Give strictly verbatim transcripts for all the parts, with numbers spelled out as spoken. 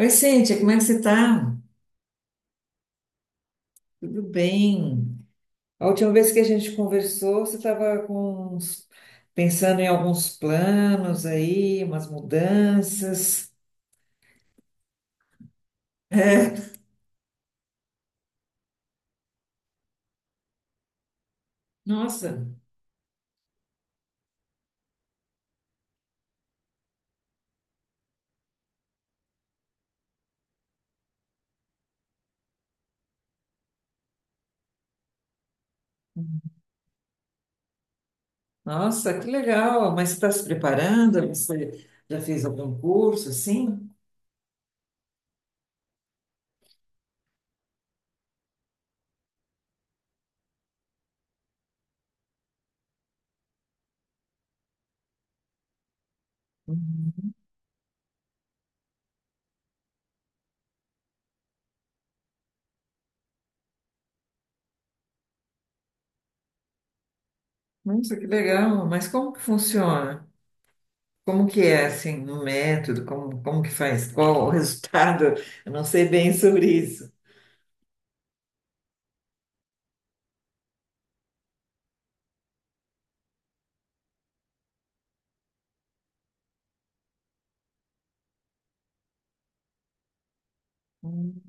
Oi, Cíntia, como é que você tá? Tudo bem? A última vez que a gente conversou, você estava com uns- pensando em alguns planos aí, umas mudanças. Nossa, nossa, que legal! Mas você está se preparando? Você já fez algum curso, assim? Nossa, que legal! Mas como que funciona? Como que é, assim, o método? Como, como que faz? Qual o resultado? Eu não sei bem sobre isso. Hum,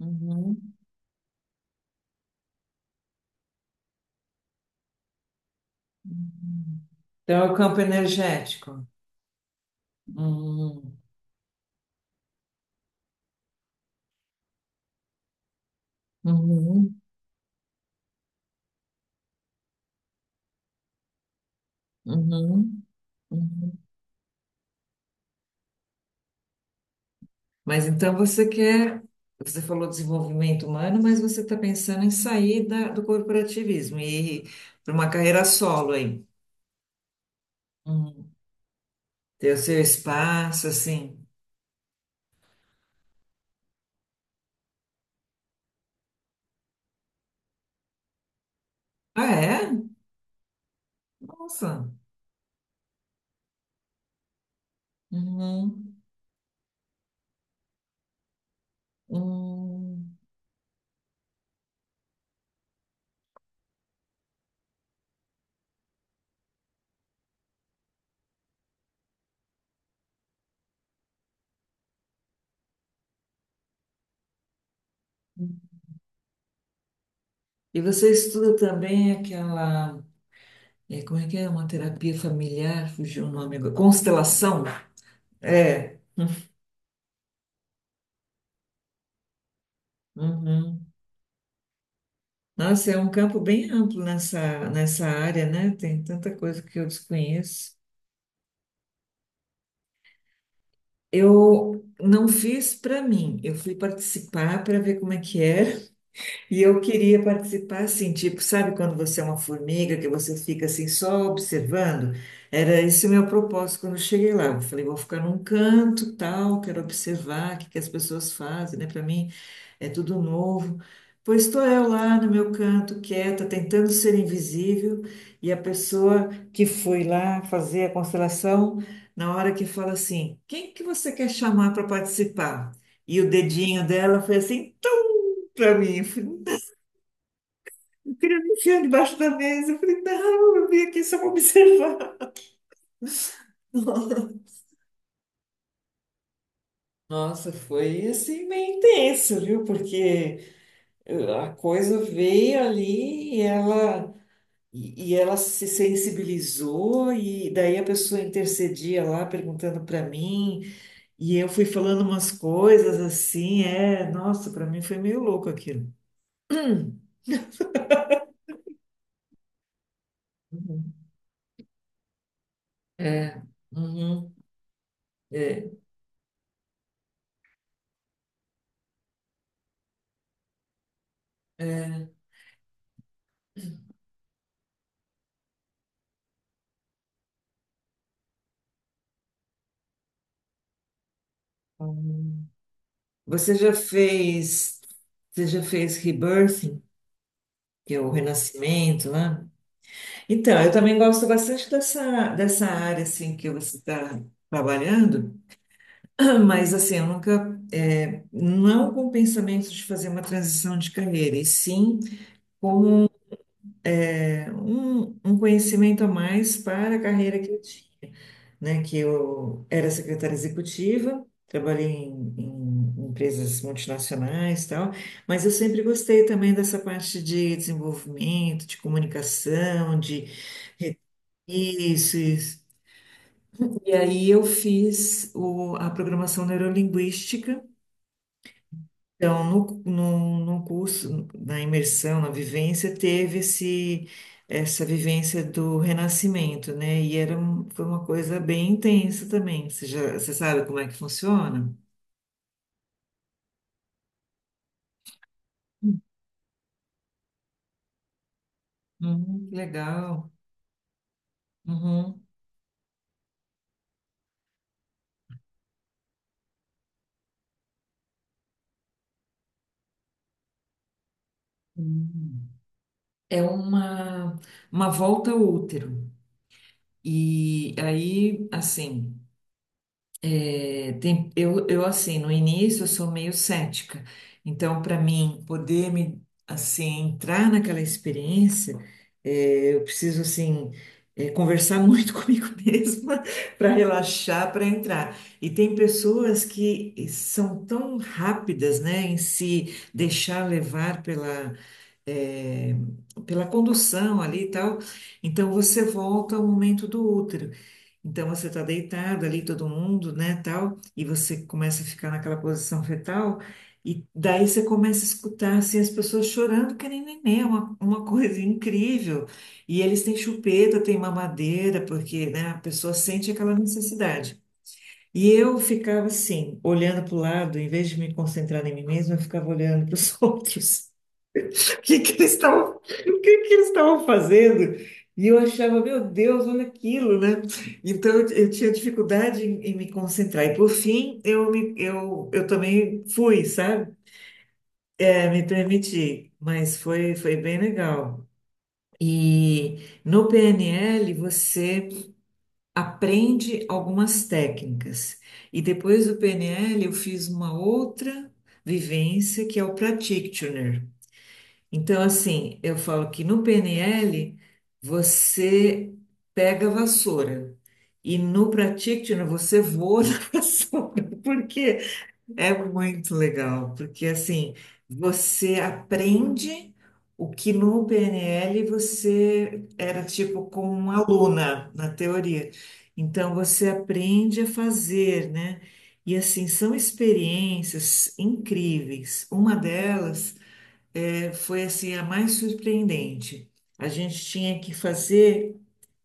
uhum. Então, é o campo energético. Uhum, uhum, uhum, uhum. Mas então você quer, você falou desenvolvimento humano, mas você está pensando em sair da- do corporativismo e ir para uma carreira solo aí. Uhum. Ter o seu espaço, assim. Ah, é? Nossa. Uhum, uhum. E você estuda também aquela, é, como é que é? Uma terapia familiar, fugiu o nome agora. Constelação? É. Uhum. Nossa, é um campo bem amplo nessa, nessa área, né? Tem tanta coisa que eu desconheço. Eu não fiz para mim, eu fui participar para ver como é que era. E eu queria participar assim, tipo, sabe quando você é uma formiga, que você fica assim só observando? Era esse o meu propósito quando eu cheguei lá. Eu falei, vou ficar num canto, tal, quero observar o que que as pessoas fazem, né? Para mim é tudo novo. Pois estou eu lá no meu canto, quieta, tentando ser invisível, e a pessoa que foi lá fazer a constelação, na hora que fala assim, quem que você quer chamar para participar? E o dedinho dela foi assim para mim. Eu queria me enfiar debaixo da mesa. Eu falei, não, eu vim aqui só para observar. Nossa, foi assim meio intenso, viu? Porque eh, a coisa veio ali e ela, e, e ela se sensibilizou, e daí a pessoa intercedia lá perguntando para mim, e eu fui falando umas coisas assim, é, nossa, para mim foi meio louco aquilo. Uhum. É, uhum, é. É, é. Você já fez, você já fez rebirthing, que é o renascimento, né? Então, eu também gosto bastante dessa, dessa, área assim que você está trabalhando, mas assim, eu nunca é, não com o pensamento de fazer uma transição de carreira, e sim um, um, conhecimento a mais para a carreira que eu tinha, né? Que eu era secretária executiva, trabalhei em, em empresas multinacionais e tal, mas eu sempre gostei também dessa parte de desenvolvimento, de comunicação, de isso, isso. E aí eu fiz o, a programação neurolinguística, então, no, no, no curso, na imersão, na vivência, teve esse, essa vivência do renascimento, né? E era, um- foi uma coisa bem intensa também. Você, já, você sabe como é que funciona? Uhum, que legal. Uhum. Uhum. É uma, uma volta ao útero. E aí, assim. É, tem- eu, eu, assim, no início eu sou meio cética, então para mim poder me, assim, entrar naquela experiência, é, eu preciso, assim, é, conversar muito comigo mesma para relaxar, para entrar. E tem pessoas que são tão rápidas, né, em se deixar levar pela é, pela condução ali e tal. Então você volta ao momento do útero. Então você está deitado ali, todo mundo, né, tal, e você começa a ficar naquela posição fetal, e daí você começa a escutar assim, as pessoas chorando, que nem neném, é uma, uma, coisa incrível. E eles têm chupeta, têm mamadeira, porque, né, a pessoa sente aquela necessidade. E eu ficava assim, olhando para o lado, em vez de me concentrar em mim mesma, eu ficava olhando para os outros. O que que eles estavam, o que que eles estavam fazendo? E eu achava, meu Deus, olha aquilo, né? Então eu, eu tinha dificuldade em, em me concentrar. E por fim, eu me, eu, eu também fui, sabe? É, me permiti, mas foi, foi bem legal. E no P N L você aprende algumas técnicas. E depois do P N L eu fiz uma outra vivência que é o practitioner. Então, assim, eu falo que no P N L você pega a vassoura e no Practitioner você voa na vassoura, porque é muito legal, porque assim, você aprende o que no P N L você era tipo como uma aluna na teoria. Então, você aprende a fazer, né? E assim, são experiências incríveis. Uma delas é, foi assim a mais surpreendente. A gente tinha que fazer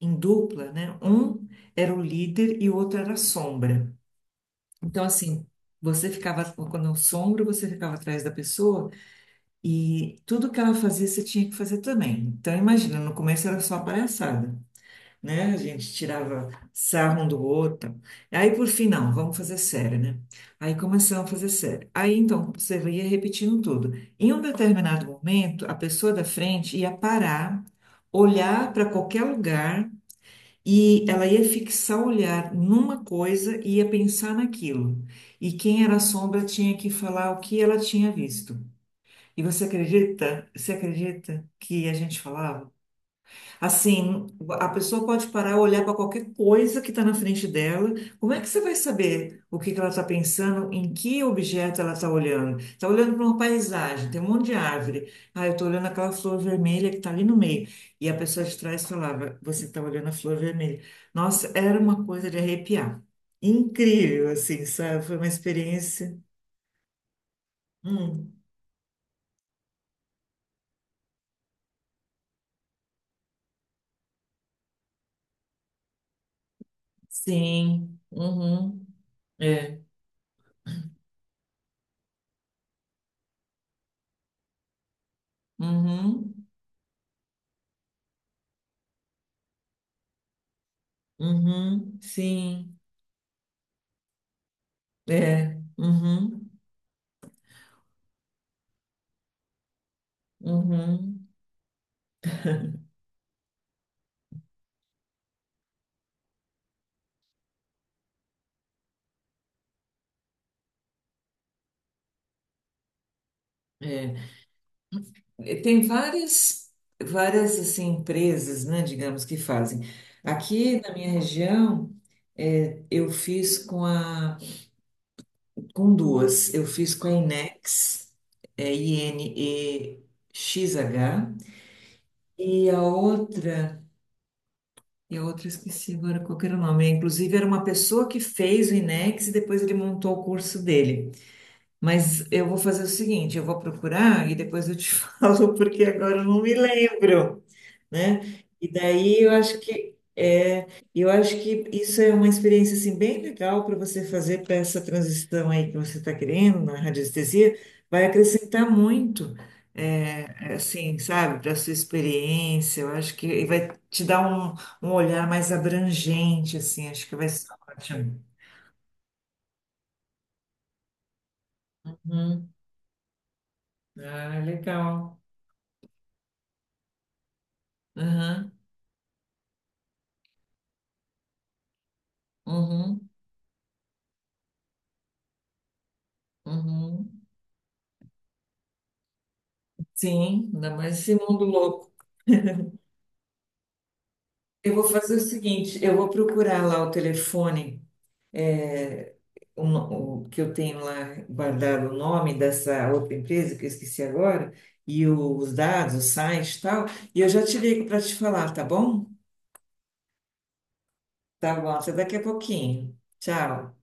em dupla, né? Um era o líder e o outro era a sombra. Então, assim, você ficava, quando o sombra, você ficava atrás da pessoa e tudo que ela fazia, você tinha que fazer também. Então, imagina, no começo era só palhaçada, né? A gente tirava sarro um do outro. Aí, por fim, não, vamos fazer sério, né? Aí começamos a fazer sério. Aí, então, você ia repetindo tudo. Em um determinado momento, a pessoa da frente ia parar, olhar para qualquer lugar e ela ia fixar o olhar numa coisa e ia pensar naquilo. E quem era a sombra tinha que falar o que ela tinha visto. E você acredita? Você acredita que a gente falava? Assim, a pessoa pode parar e olhar para qualquer coisa que está na frente dela. Como é que você vai saber o que que ela está pensando, em que objeto ela está olhando? Está olhando para uma paisagem, tem um monte de árvore. Ah, eu estou olhando aquela flor vermelha que está ali no meio. E a pessoa de trás falava: você está olhando a flor vermelha. Nossa, era uma coisa de arrepiar. Incrível, assim, sabe? Foi uma experiência. Hum, sim. Uhum. É. Uhum. Uhum. Sim. É, uhum, uhum, é. E Tem várias, várias assim, empresas, né, digamos, que fazem. Aqui na minha região, é, eu fiz com a, com duas. Eu fiz com a Inex, é, I N E xis agá, e xis agá, e a outra, e a outra, eu esqueci agora qual que era o nome. Inclusive, era uma pessoa que fez o Inex e depois ele montou o curso dele. Mas eu vou fazer o seguinte, eu vou procurar e depois eu te falo, porque agora eu não me lembro, né? E daí eu acho que é, eu acho que isso é uma experiência assim bem legal para você fazer para essa transição aí que você está querendo na radiestesia, vai acrescentar muito, é, assim, sabe, para sua experiência. Eu acho que e vai te dar um, um, olhar mais abrangente, assim. Acho que vai ser ótimo. Uhum. Ah, legal. Aham. Uhum. Uhum. Sim, ainda mais esse mundo louco. Eu vou fazer o seguinte, eu vou procurar lá o telefone é, o, no- o que eu tenho lá guardado o nome dessa outra empresa que eu esqueci agora e o- os dados, o site e tal, e eu já te ligo para te falar, tá bom? Tá bom, até daqui a pouquinho. Tchau.